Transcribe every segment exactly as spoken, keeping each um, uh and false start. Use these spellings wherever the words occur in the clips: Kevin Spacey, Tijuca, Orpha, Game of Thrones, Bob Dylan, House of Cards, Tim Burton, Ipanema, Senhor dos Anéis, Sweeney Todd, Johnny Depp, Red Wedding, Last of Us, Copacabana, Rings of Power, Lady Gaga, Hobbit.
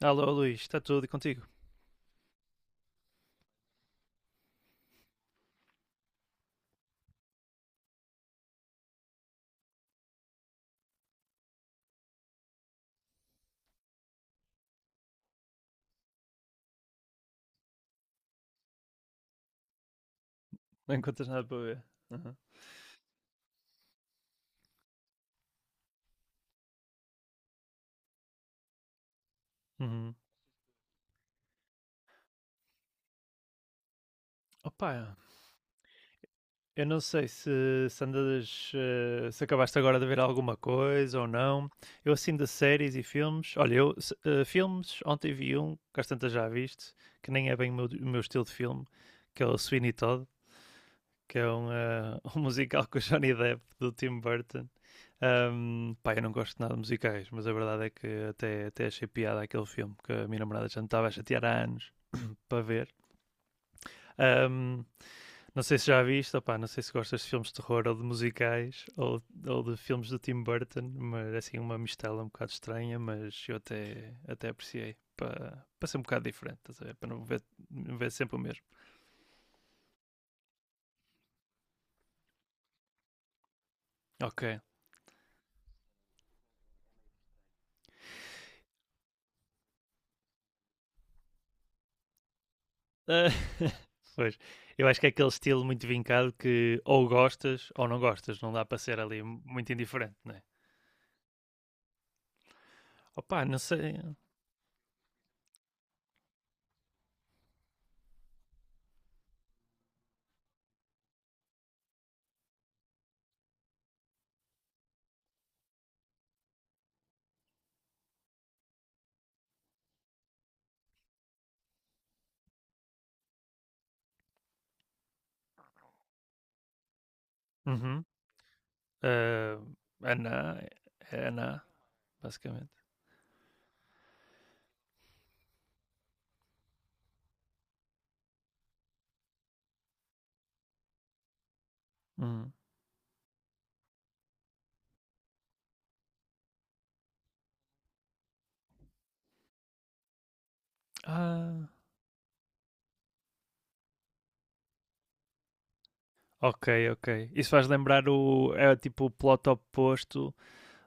Alô, Luís, está tudo e contigo? Não encontras nada para ver? Aham. Uhum. Opa, eu não sei se, se andas, eh, se acabaste agora de ver alguma coisa ou não. Eu assim de séries e filmes, olha, eu se- eh, filmes, ontem vi um, que às tantas já viste, que nem é bem o meu, o meu estilo de filme, que é o Sweeney Todd, que é um, eh, um musical com o Johnny Depp do Tim Burton. Ahm, pá, eu não gosto nada de musicais, mas a verdade é que até, até achei piada aquele filme que a minha namorada já me estava a chatear há anos para ver. Um, não sei se já viste, opá, não sei se gostas de filmes de terror ou de musicais ou, ou de filmes do Tim Burton, mas assim uma mistela um bocado estranha, mas eu até, até apreciei para, para ser um bocado diferente, para não ver, não ver sempre o mesmo. Ok. Uh, pois, eu acho que é aquele estilo muito vincado que ou gostas ou não gostas, não dá para ser ali muito indiferente, não é? Opá, não sei. Uhum. Uh, Ana, é Ana, basicamente. Uhum. Ah, ok, ok. Isso faz lembrar o. É tipo o plot oposto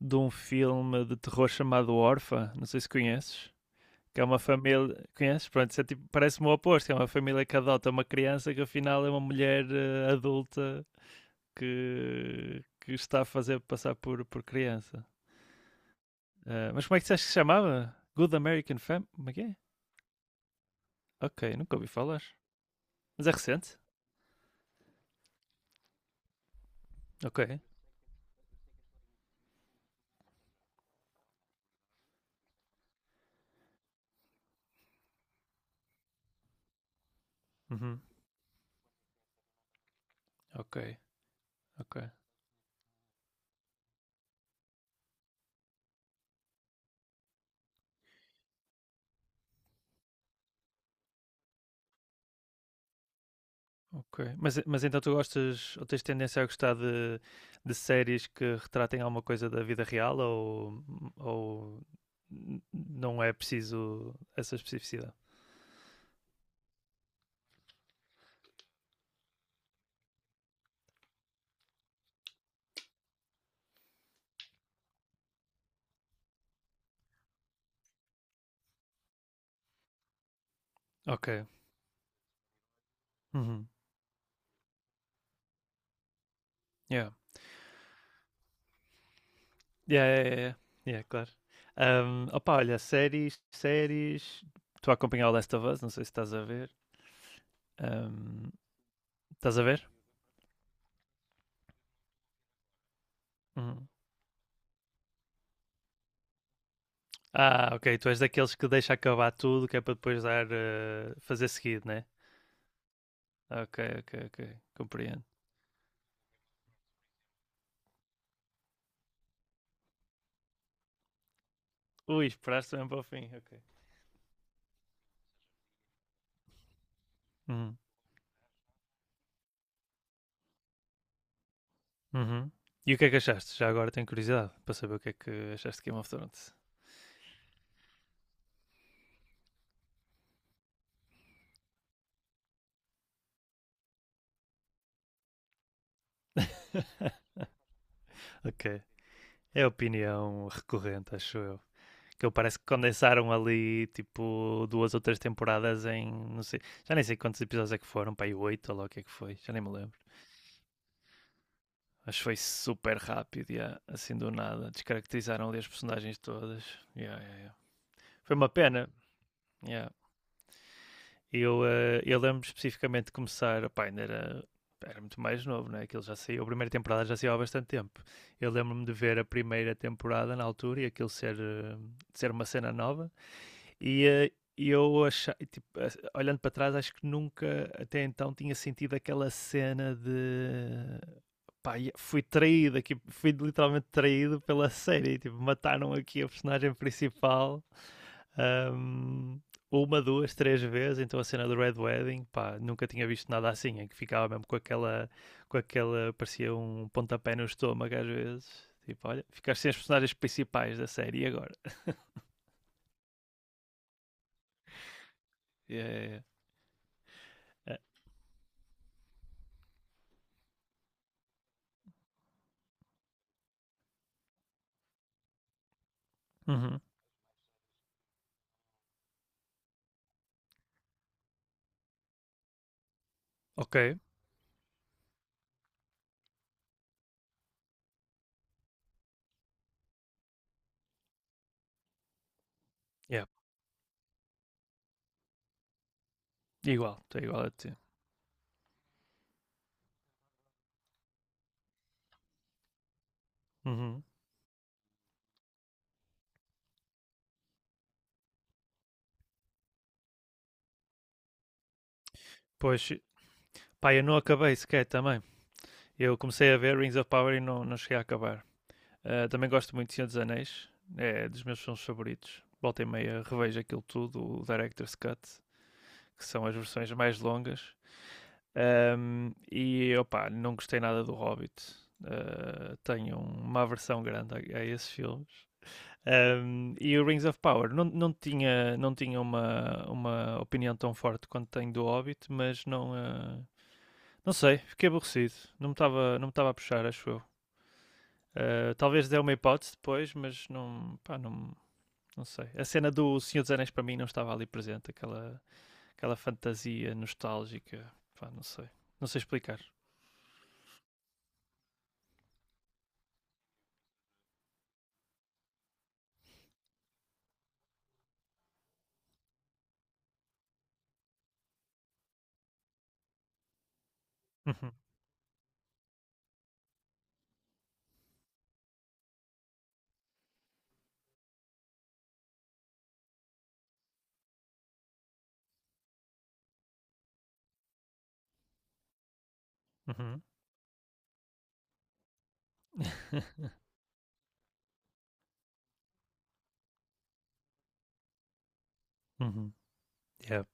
de um filme de terror chamado Orpha. Não sei se conheces. Que é uma família. Conheces? Pronto, isso é tipo, parece-me o oposto. Que é uma família que adota uma criança que afinal é uma mulher eh, adulta que, que está a fazer passar por, por criança. Eh, mas como é que disseste que se chamava? Good American Family? Como é que é? Ok, nunca ouvi falar. Mas é recente? Ok. Uhum, ok, ok. Ok. Mas, mas então tu gostas ou tens tendência a gostar de, de séries que retratem alguma coisa da vida real ou, ou n- não é preciso essa especificidade? Ok. Uhum. Yeah. Yeah, yeah, yeah, yeah. Yeah, claro. Um, opa, olha, séries, séries. Estou a acompanhar o Last of Us, não sei se estás a ver. Um, estás a ver? Uhum. Ah, ok. Tu és daqueles que deixa acabar tudo que é para depois dar, eh, fazer seguido, né? Ok, ok, ok. Compreendo. Ui, esperaste também para o fim, ok. Uhum. Uhum. E o que é que achaste? Já agora tenho curiosidade para saber o que é que achaste de Game of Thrones. Ok. É a opinião recorrente, acho eu. Que eu parece que condensaram ali tipo duas ou três temporadas em não sei, já nem sei quantos episódios é que foram, para aí oito ou lá o que é que foi, já nem me lembro. Acho que foi super rápido, yeah, assim do nada. Descaracterizaram ali as personagens todas. Yeah, yeah, yeah. Foi uma pena. Yeah. Eu, eh, eu lembro especificamente de começar, opá, ainda era, era muito mais novo, né? Aquilo já saiu, a primeira temporada já saiu há bastante tempo. Eu lembro-me de ver a primeira temporada na altura e aquilo ser, eh, ser uma cena nova. E eh, eu achei, tipo, eh, olhando para trás, acho que nunca até então tinha sentido aquela cena de pá, fui traído aqui, fui literalmente traído pela série, tipo, mataram aqui a personagem principal um, uma, duas, três vezes, então a cena do Red Wedding, pá, nunca tinha visto nada assim, em que ficava mesmo com aquela, com aquela, parecia um pontapé no estômago às vezes, tipo, olha, ficaste sem as personagens principais da série, e agora? Yeah, yeah, yeah. Uhum. Ok, yeah. Igual, estou igual a ti. Uhum. Pois, pá, eu não acabei sequer também, eu comecei a ver Rings of Power e não, não cheguei a acabar. Uh, também gosto muito de Senhor dos Anéis, é dos meus filmes favoritos, volta e meia revejo aquilo tudo, o Director's Cut, que são as versões mais longas. Um, e opá, não gostei nada do Hobbit. Uh, tenho uma aversão grande a, a esses filmes. Um, e o Rings of Power não, não tinha, não tinha uma, uma opinião tão forte quanto tenho do Hobbit, mas não, uh, não sei, fiquei aborrecido. Não me estava não me estava a puxar, acho eu. Uh, talvez dê uma hipótese depois, mas não, pá, não, não sei. A cena do Senhor dos Anéis para mim não estava ali presente, aquela aquela fantasia nostálgica. Pá, não sei. Não sei explicar. Uhum, uhum. Uhum. Yeah.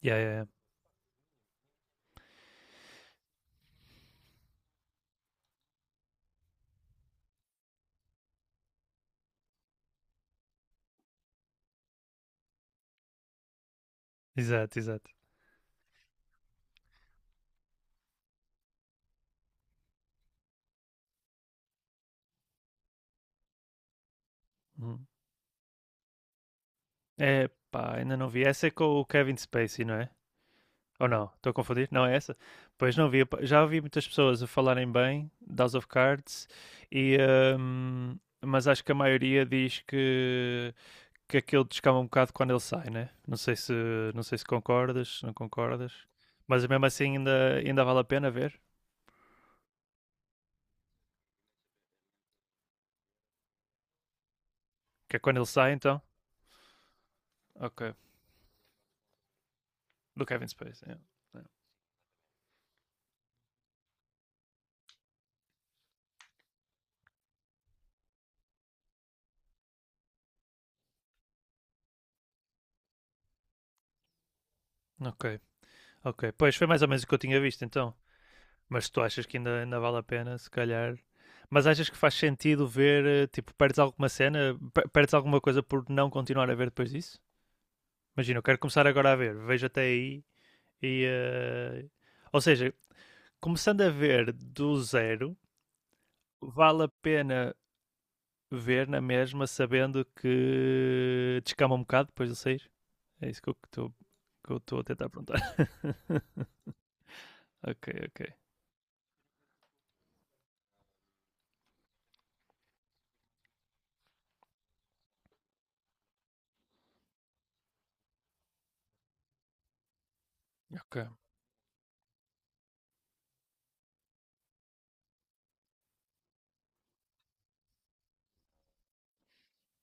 Yeah, yeah, yeah. Exato, exato. Uhum. É, pá, ainda não vi. Essa é com o Kevin Spacey, não é? Ou não? Estou a confundir? Não é essa? Pois não vi. Já ouvi muitas pessoas a falarem bem de House of Cards e... hum, mas acho que a maioria diz que, que aquilo descama um bocado quando ele sai, né? Não sei se, não sei se concordas, se não concordas. Mas mesmo assim ainda, ainda vale a pena ver. Que é quando ele sai, então? Ok. Do Kevin Space. Ok, ok. Pois foi mais ou menos o que eu tinha visto, então. Mas tu achas que ainda, ainda vale a pena, se calhar. Mas achas que faz sentido ver, eh, tipo, perdes alguma cena, perdes alguma coisa por não continuar a ver depois disso? Imagina, eu quero começar agora a ver, vejo até aí e. eh, ou seja, começando a ver do zero, vale a pena ver na mesma, sabendo que descama um bocado depois de sair? É isso que eu estou que eu estou a tentar perguntar. Ok, ok. Ok.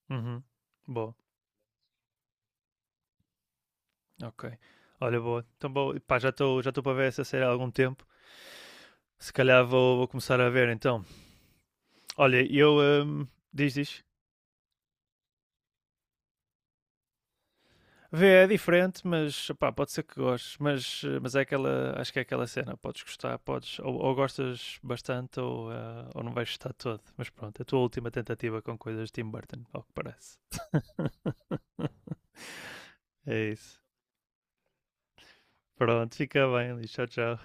Uhum. Boa, ok. Olha, boa. Então, boa. Pá, já estou já estou para ver essa série há algum tempo. Se calhar vou, vou começar a ver então. Olha, eu. Hum, diz, diz. Vê é diferente, mas pá, pode ser que gostes. Mas, eh, mas é aquela. Acho que é aquela cena. Podes gostar, podes. Ou, ou gostas bastante ou, eh, ou não vais gostar todo. Mas pronto, é a tua última tentativa com coisas de Tim Burton, ao que parece. É isso. Pronto, fica bem, Liz. Tchau, tchau.